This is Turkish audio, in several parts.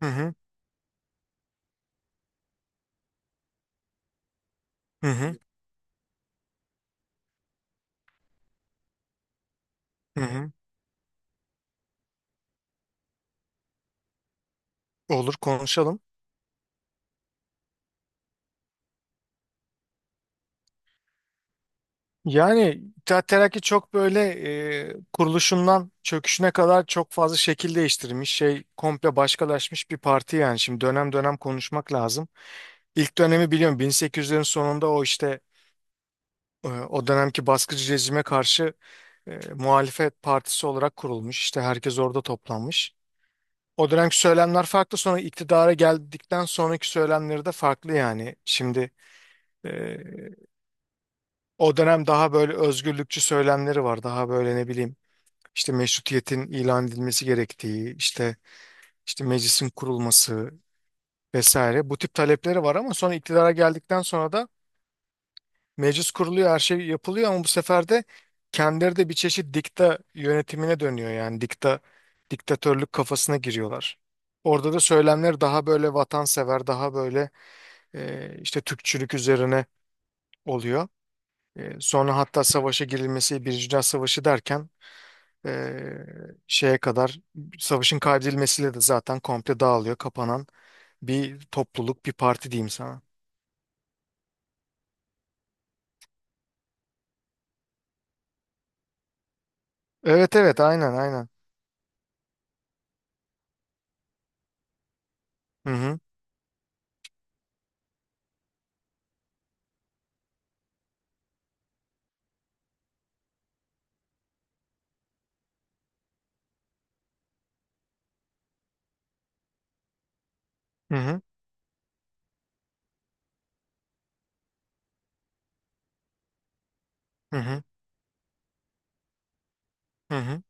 Hı hı, hı hı, hı hı. Olur konuşalım. Yani İttihat Terakki çok böyle kuruluşundan çöküşüne kadar çok fazla şekil değiştirmiş. Şey komple başkalaşmış bir parti yani. Şimdi dönem dönem konuşmak lazım. İlk dönemi biliyorum 1800'lerin sonunda o işte o dönemki baskıcı rejime karşı muhalefet partisi olarak kurulmuş. İşte herkes orada toplanmış. O dönemki söylemler farklı, sonra iktidara geldikten sonraki söylemleri de farklı yani. Şimdi o dönem daha böyle özgürlükçü söylemleri var. Daha böyle ne bileyim, işte meşrutiyetin ilan edilmesi gerektiği, işte meclisin kurulması vesaire. Bu tip talepleri var ama sonra iktidara geldikten sonra da meclis kuruluyor, her şey yapılıyor ama bu sefer de kendileri de bir çeşit dikta yönetimine dönüyor, yani diktatörlük kafasına giriyorlar. Orada da söylemler daha böyle vatansever, daha böyle işte Türkçülük üzerine oluyor. Sonra hatta savaşa girilmesi, Birinci Dünya Savaşı derken Ee, şeye kadar savaşın kaybedilmesiyle de zaten komple dağılıyor, kapanan bir topluluk, bir parti diyeyim sana. Evet evet, aynen aynen. Hı hı, hı hı, hı hı, hı hı.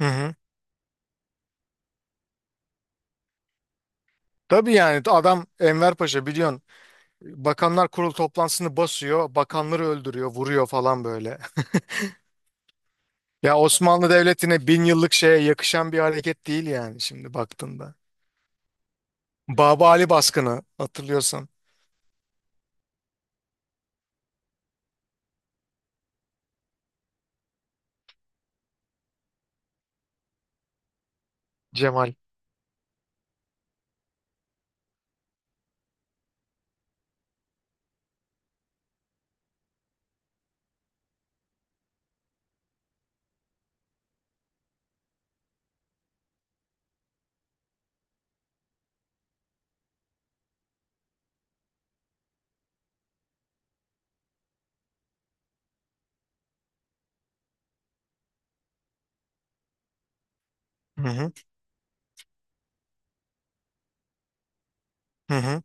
Hı hı. Tabii, yani adam Enver Paşa biliyorsun, Bakanlar Kurulu toplantısını basıyor, bakanları öldürüyor, vuruyor falan böyle. Ya Osmanlı Devleti'ne bin yıllık şeye yakışan bir hareket değil yani, şimdi baktığında. Baba Ali baskını hatırlıyorsan. Cemal. Hı hı, hı hı.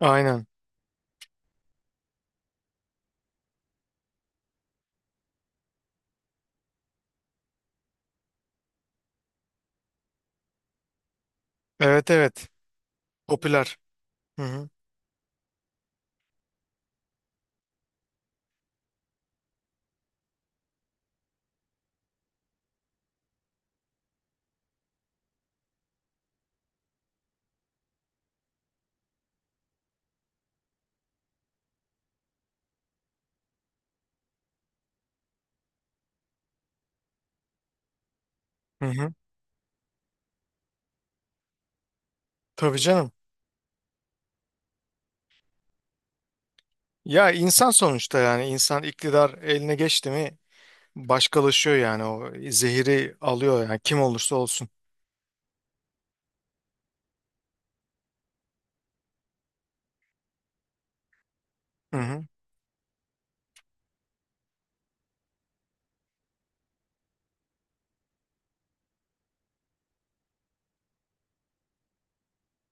Aynen. Evet evet. Popüler. Hı hı. Hı hı. Tabii canım. Ya insan sonuçta, yani insan iktidar eline geçti mi başkalaşıyor yani, o zehiri alıyor yani, kim olursa olsun. Hı hı.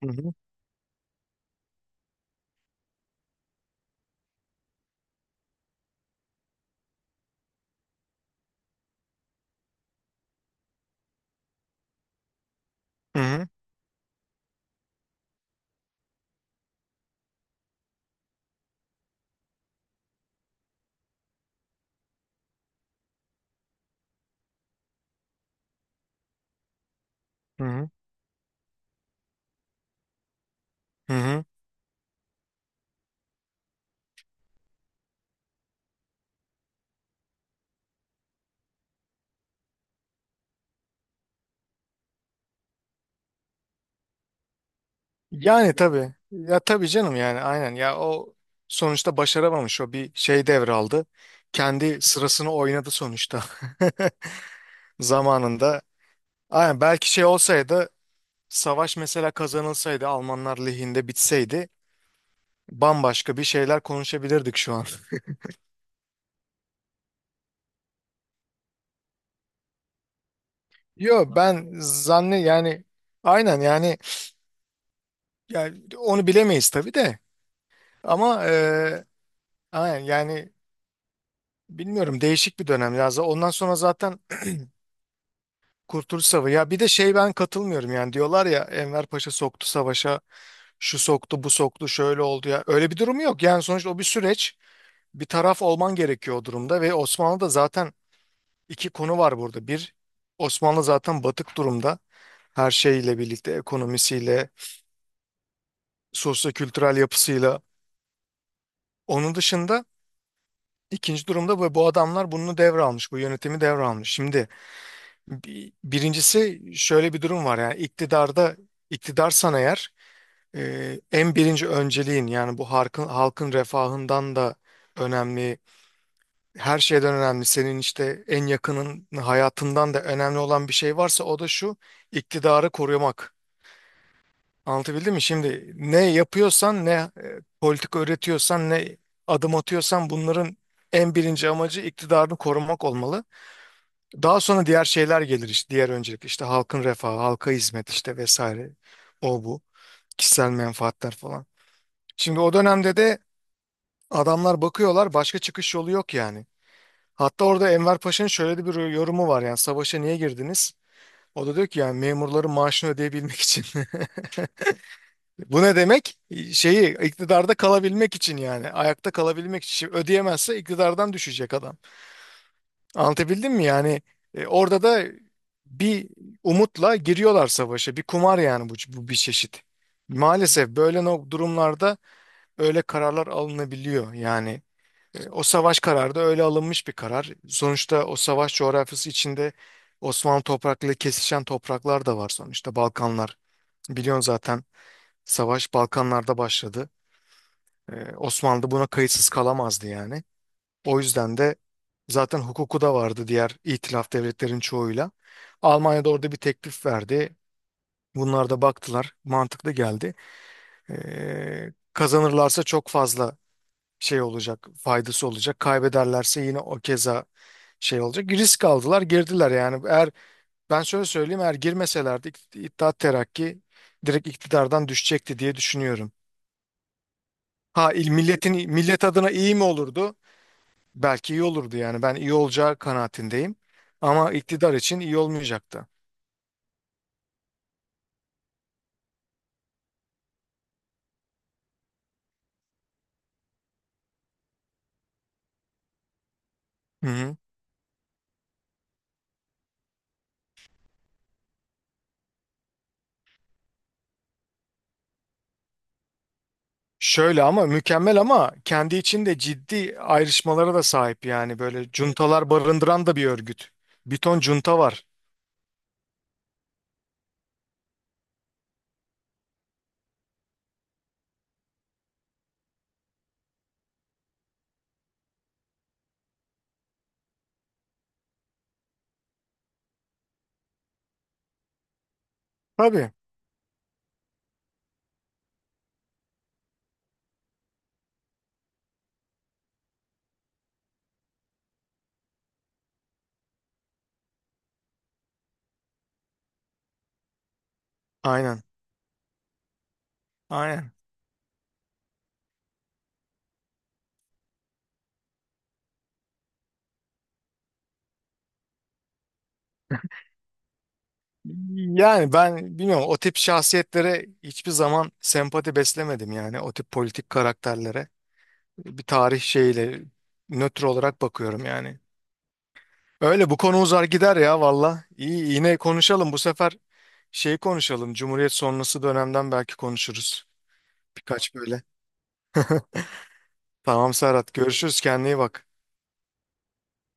Hı hı. Hı hı. Hı hı. Hı hı. Yani tabii. Ya tabii canım, yani aynen ya, o sonuçta başaramamış, o bir şey devraldı. Kendi sırasını oynadı sonuçta, zamanında. Aynen, belki şey olsaydı, savaş mesela kazanılsaydı, Almanlar lehinde bitseydi, bambaşka bir şeyler konuşabilirdik şu an. Yo, ben zanne yani, aynen yani, onu bilemeyiz tabii de, ama aynen yani, bilmiyorum, değişik bir dönem ya. Ondan sonra zaten Kurtuluş Savaşı, ya bir de şey, ben katılmıyorum yani, diyorlar ya Enver Paşa soktu savaşa, şu soktu bu soktu şöyle oldu, ya öyle bir durum yok yani, sonuçta o bir süreç, bir taraf olman gerekiyor o durumda ve Osmanlı da zaten... İki konu var burada. Bir, Osmanlı zaten batık durumda. Her şeyle birlikte, ekonomisiyle, sosyo-kültürel yapısıyla. Onun dışında ikinci durumda bu adamlar bunu devralmış, bu yönetimi devralmış. Şimdi birincisi şöyle bir durum var, yani iktidarda, iktidarsan eğer en birinci önceliğin, yani bu halkın refahından da önemli, her şeyden önemli, senin işte en yakının hayatından da önemli olan bir şey varsa o da şu: iktidarı korumak. Anlatabildim mi? Şimdi ne yapıyorsan, ne politika üretiyorsan, ne adım atıyorsan bunların en birinci amacı iktidarını korumak olmalı. Daha sonra diğer şeyler gelir, işte diğer öncelik işte halkın refahı, halka hizmet işte vesaire, o bu kişisel menfaatler falan. Şimdi o dönemde de adamlar bakıyorlar, başka çıkış yolu yok yani. Hatta orada Enver Paşa'nın şöyle de bir yorumu var, yani savaşa niye girdiniz? O da diyor ki yani memurların maaşını ödeyebilmek için. Bu ne demek? Şeyi iktidarda kalabilmek için, yani ayakta kalabilmek için. Şimdi ödeyemezse iktidardan düşecek adam. Anlatabildim mi? Yani orada da bir umutla giriyorlar savaşa. Bir kumar yani bu bir çeşit. Maalesef böyle durumlarda öyle kararlar alınabiliyor. Yani o savaş kararı da öyle alınmış bir karar. Sonuçta o savaş coğrafyası içinde Osmanlı topraklarıyla kesişen topraklar da var sonuçta, Balkanlar. Biliyorsun zaten savaş Balkanlarda başladı. Osmanlı buna kayıtsız kalamazdı yani. O yüzden de zaten hukuku da vardı diğer itilaf devletlerin çoğuyla. Almanya'da orada bir teklif verdi. Bunlar da baktılar, mantıklı geldi. Kazanırlarsa çok fazla şey olacak, faydası olacak. Kaybederlerse yine o keza şey olacak. Risk aldılar, girdiler yani. Eğer ben şöyle söyleyeyim, eğer girmeselerdi İttihat Terakki direkt iktidardan düşecekti diye düşünüyorum. Ha, il milletin millet adına iyi mi olurdu? Belki iyi olurdu yani. Ben iyi olacağı kanaatindeyim. Ama iktidar için iyi olmayacaktı. Hı hı. Şöyle, ama mükemmel ama kendi içinde ciddi ayrışmalara da sahip yani, böyle cuntalar barındıran da bir örgüt. Bir ton cunta var. Tabii. Aynen. Aynen. Yani ben bilmiyorum, o tip şahsiyetlere hiçbir zaman sempati beslemedim yani, o tip politik karakterlere. Bir tarih şeyiyle nötr olarak bakıyorum yani. Öyle, bu konu uzar gider ya valla. İyi, yine konuşalım bu sefer, şey konuşalım. Cumhuriyet sonrası dönemden belki konuşuruz. Birkaç böyle. Tamam Serhat, görüşürüz, kendine iyi bak.